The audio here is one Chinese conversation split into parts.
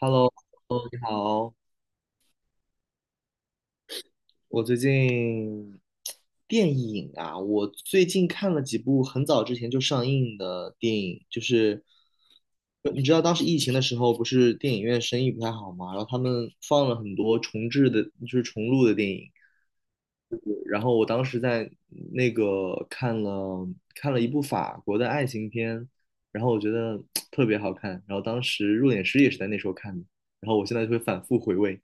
Hello，你好。我最近我最近看了几部很早之前就上映的电影，就是你知道当时疫情的时候，不是电影院生意不太好嘛，然后他们放了很多重制的，就是重录的电影。然后我当时在那个看了一部法国的爱情片，然后我觉得特别好看，然后当时入殓师也是在那时候看的，然后我现在就会反复回味。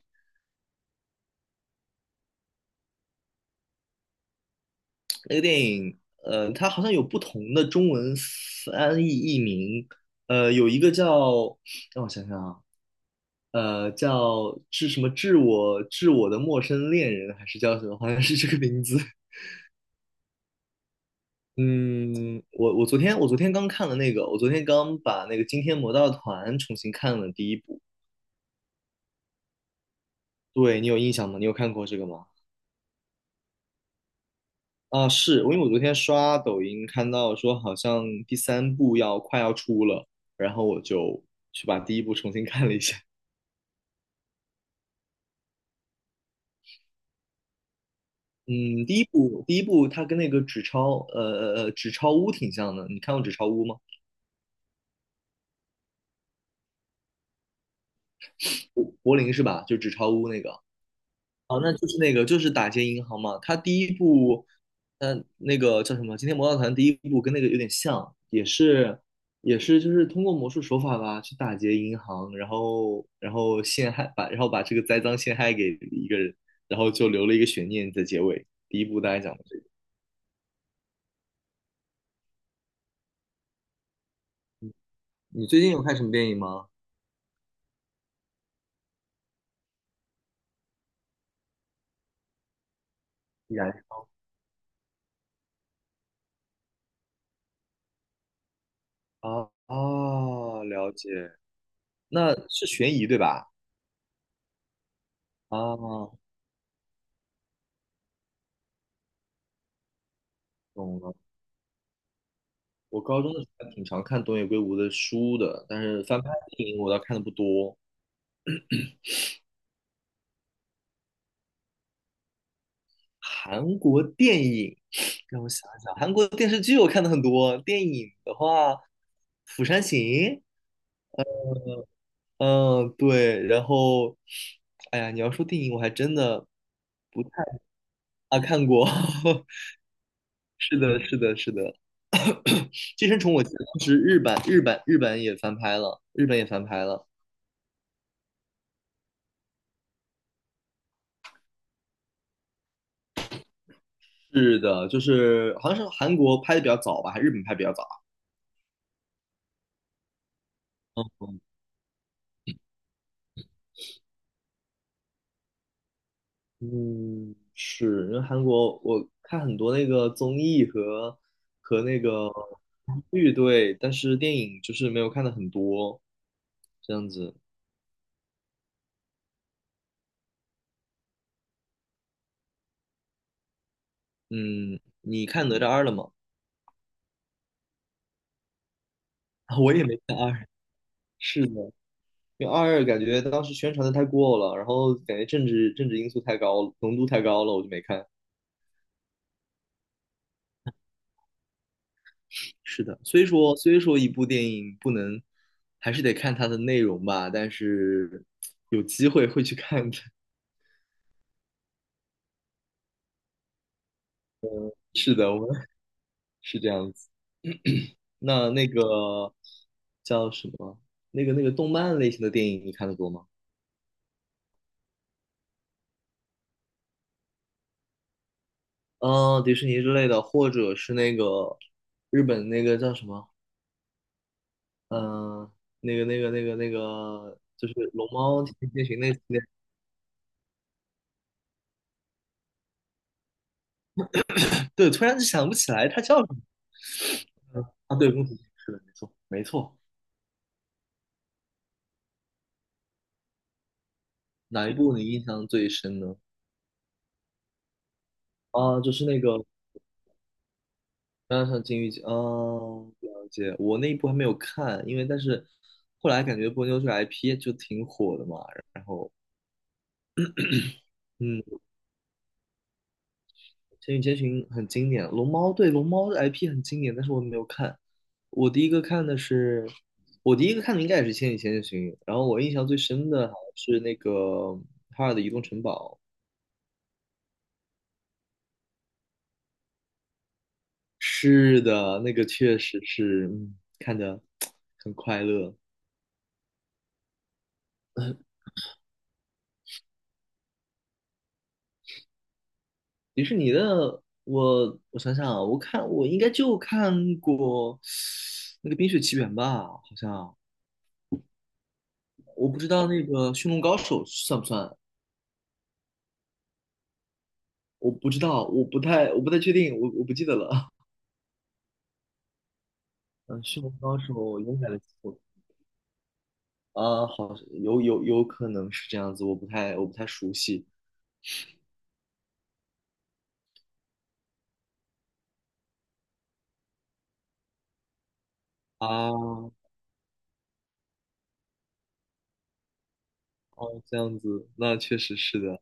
那个电影，它好像有不同的中文翻译译名，有一个叫，让我想想啊，叫致什么致我的陌生恋人，还是叫什么？好像是这个名字。嗯，我昨天刚看了那个，我昨天刚把那个《惊天魔盗团》重新看了第一部。对，你有印象吗？你有看过这个吗？啊，是，因为我昨天刷抖音看到说好像第三部要快要出了，然后我就去把第一部重新看了一下。嗯，第一部它跟那个纸钞屋挺像的，你看过纸钞屋吗？柏林是吧？就纸钞屋那个。哦，那就是那个，就是打劫银行嘛。他第一部，嗯、那个叫什么？今天魔盗团第一部跟那个有点像，也是，也是，就是通过魔术手法吧，去打劫银行，然后，然后陷害，把，然后把这个栽赃陷害给一个人，然后就留了一个悬念在结尾。第一部大概讲的这个。你最近有看什么电影吗？依然啊啊，哦了解，那是悬疑对吧？啊，懂了。我高中的时候还挺常看东野圭吾的书的，但是翻拍电影我倒看的不多。韩国电影，让我想一想，韩国电视剧我看的很多。电影的话，《釜山行》，嗯，对，然后，哎呀，你要说电影，我还真的不太啊看过。是的，是的，是的，《寄生虫》我记得当时日版也翻拍了，日本也翻拍了。是的，就是好像是韩国拍的比较早吧，还是日本拍得比较早。嗯，是，因为韩国我看很多那个综艺和和那个剧，对，但是电影就是没有看的很多，这样子。嗯，你看哪吒二了吗？我也没看二，是的，因为二感觉当时宣传的太过了，然后感觉政治因素太高了，浓度太高了，我就没看。是的，虽说一部电影不能，还是得看它的内容吧，但是有机会会去看的。是的，我们是这样子。那那个叫什么？那个那个动漫类型的电影你看的多吗？嗯、迪士尼之类的，或者是那个日本那个叫什么？嗯、那个，就是龙猫奇兵变形那系列对，突然就想不起来它叫什么啊？对，宫崎骏是的，没错没错。哪一部你印象最深呢？啊，就是那个当然上金鱼哦，了解。我那一部还没有看，因为但是后来感觉波妞这个 IP 就挺火的嘛。然后，嗯，《千与千寻》很经典，《龙猫》对《龙猫》的 IP 很经典，但是我没有看。我第一个看的是，我第一个看的应该也是《千与千寻》，然后我印象最深的好像是那个哈尔的移动城堡。是的，那个确实是，嗯，看着很快乐。迪士尼的，我想想啊，我看我应该就看过那个《冰雪奇缘》吧，好像我不知道那个《驯龙高手》算不算，我不知道，我不太确定，我不记得了。嗯，《驯龙高手》应该我啊，好像有可能是这样子，我不太熟悉啊。哦，这样子，那确实是的，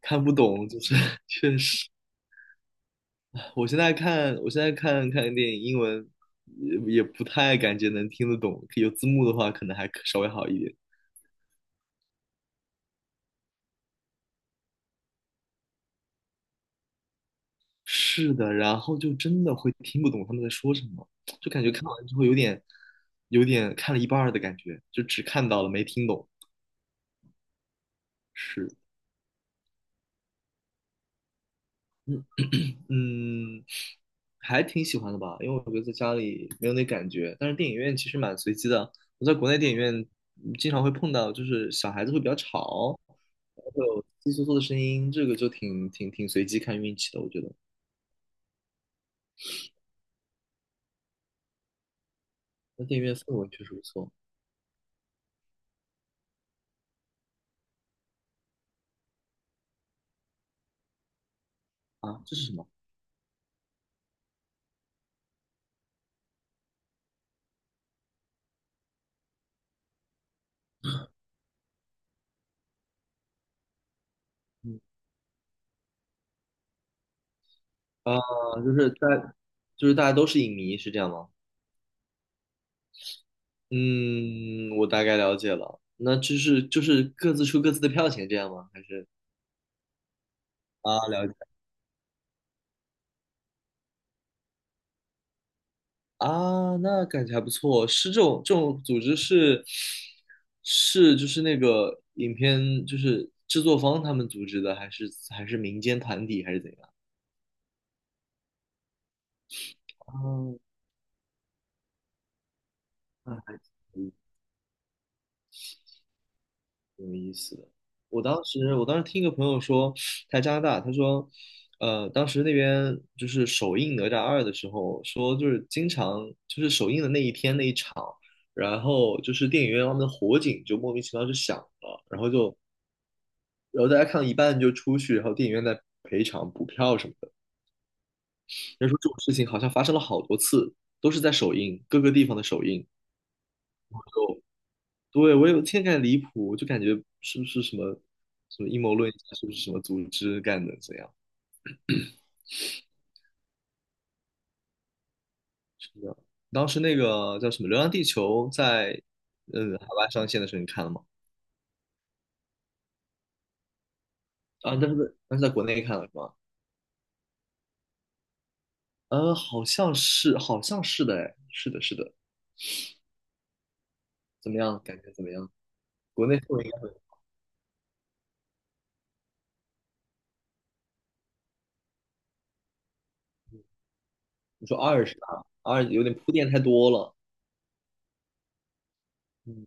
看不懂就是 确实。我现在看，我现在看看电影，英文也也不太感觉能听得懂，有字幕的话可能还可稍微好一点。是的，然后就真的会听不懂他们在说什么，就感觉看完之后有点看了一半儿的感觉，就只看到了没听懂。是。嗯，还挺喜欢的吧，因为我觉得在家里没有那感觉。但是电影院其实蛮随机的，我在国内电影院嗯经常会碰到，就是小孩子会比较吵，会有窸窸窣窣的声音，这个就挺随机看运气的，我觉得。那电影院氛围确实不错啊，这是什么？嗯，啊，就是大，就是大家都是影迷，是这样吗？嗯，我大概了解了。那就是就是各自出各自的票钱这样吗？还是啊，了解。啊，那感觉还不错。是这种这种组织是是就是那个影片就是制作方他们组织的，还是民间团体还是怎样？哦，那还挺挺有意思的。我当时听一个朋友说，他在加拿大，他说，当时那边就是首映《哪吒二》的时候，说就是经常就是首映的那一天那一场，然后就是电影院外面的火警就莫名其妙就响了，然后就然后大家看到一半就出去，然后电影院在赔偿补票什么的。人说这种事情好像发生了好多次，都是在首映，各个地方的首映。对，我有天感离谱，我就感觉是不是什么什么阴谋论家，是不是什么组织干的怎样？不知道当时那个叫什么《流浪地球》在嗯海外上线的时候，你看了吗？啊，但是在国内看了是吗？好像是，好像是的，哎，是的，是的。怎么样？感觉怎么样？国内氛围应该会，你说二是吧？二有点铺垫太多了。嗯，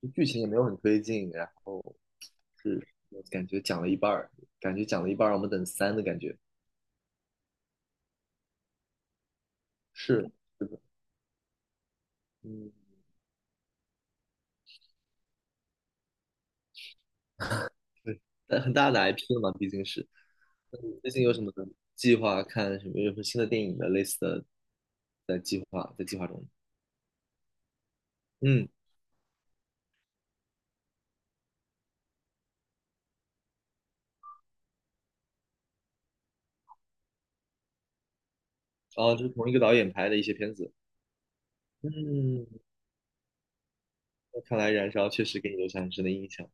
就剧情也没有很推进，然后是感觉讲了一半儿，感觉讲了一半儿，我们等三的感觉。是是的，嗯，对，但很大的 IP 了嘛，毕竟是。那你最近有什么计划？看什么？有什么新的电影的类似的在计划中？嗯，哦，就是同一个导演拍的一些片子。嗯，那看来《燃烧》确实给你留下很深的印象。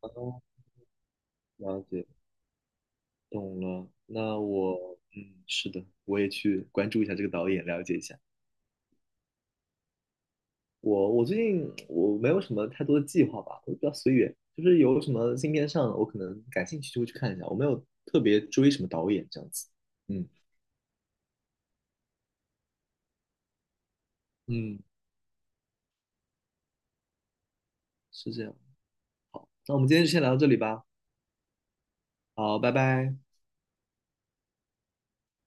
哦，了解，懂了。那我，嗯，是的，我也去关注一下这个导演，了解一下。我最近没有什么太多的计划吧，我比较随缘，就是有什么新片上了我可能感兴趣就会去看一下，我没有特别追什么导演这样子。嗯嗯，嗯，是这样。那我们今天就先聊到这里吧，好，拜拜。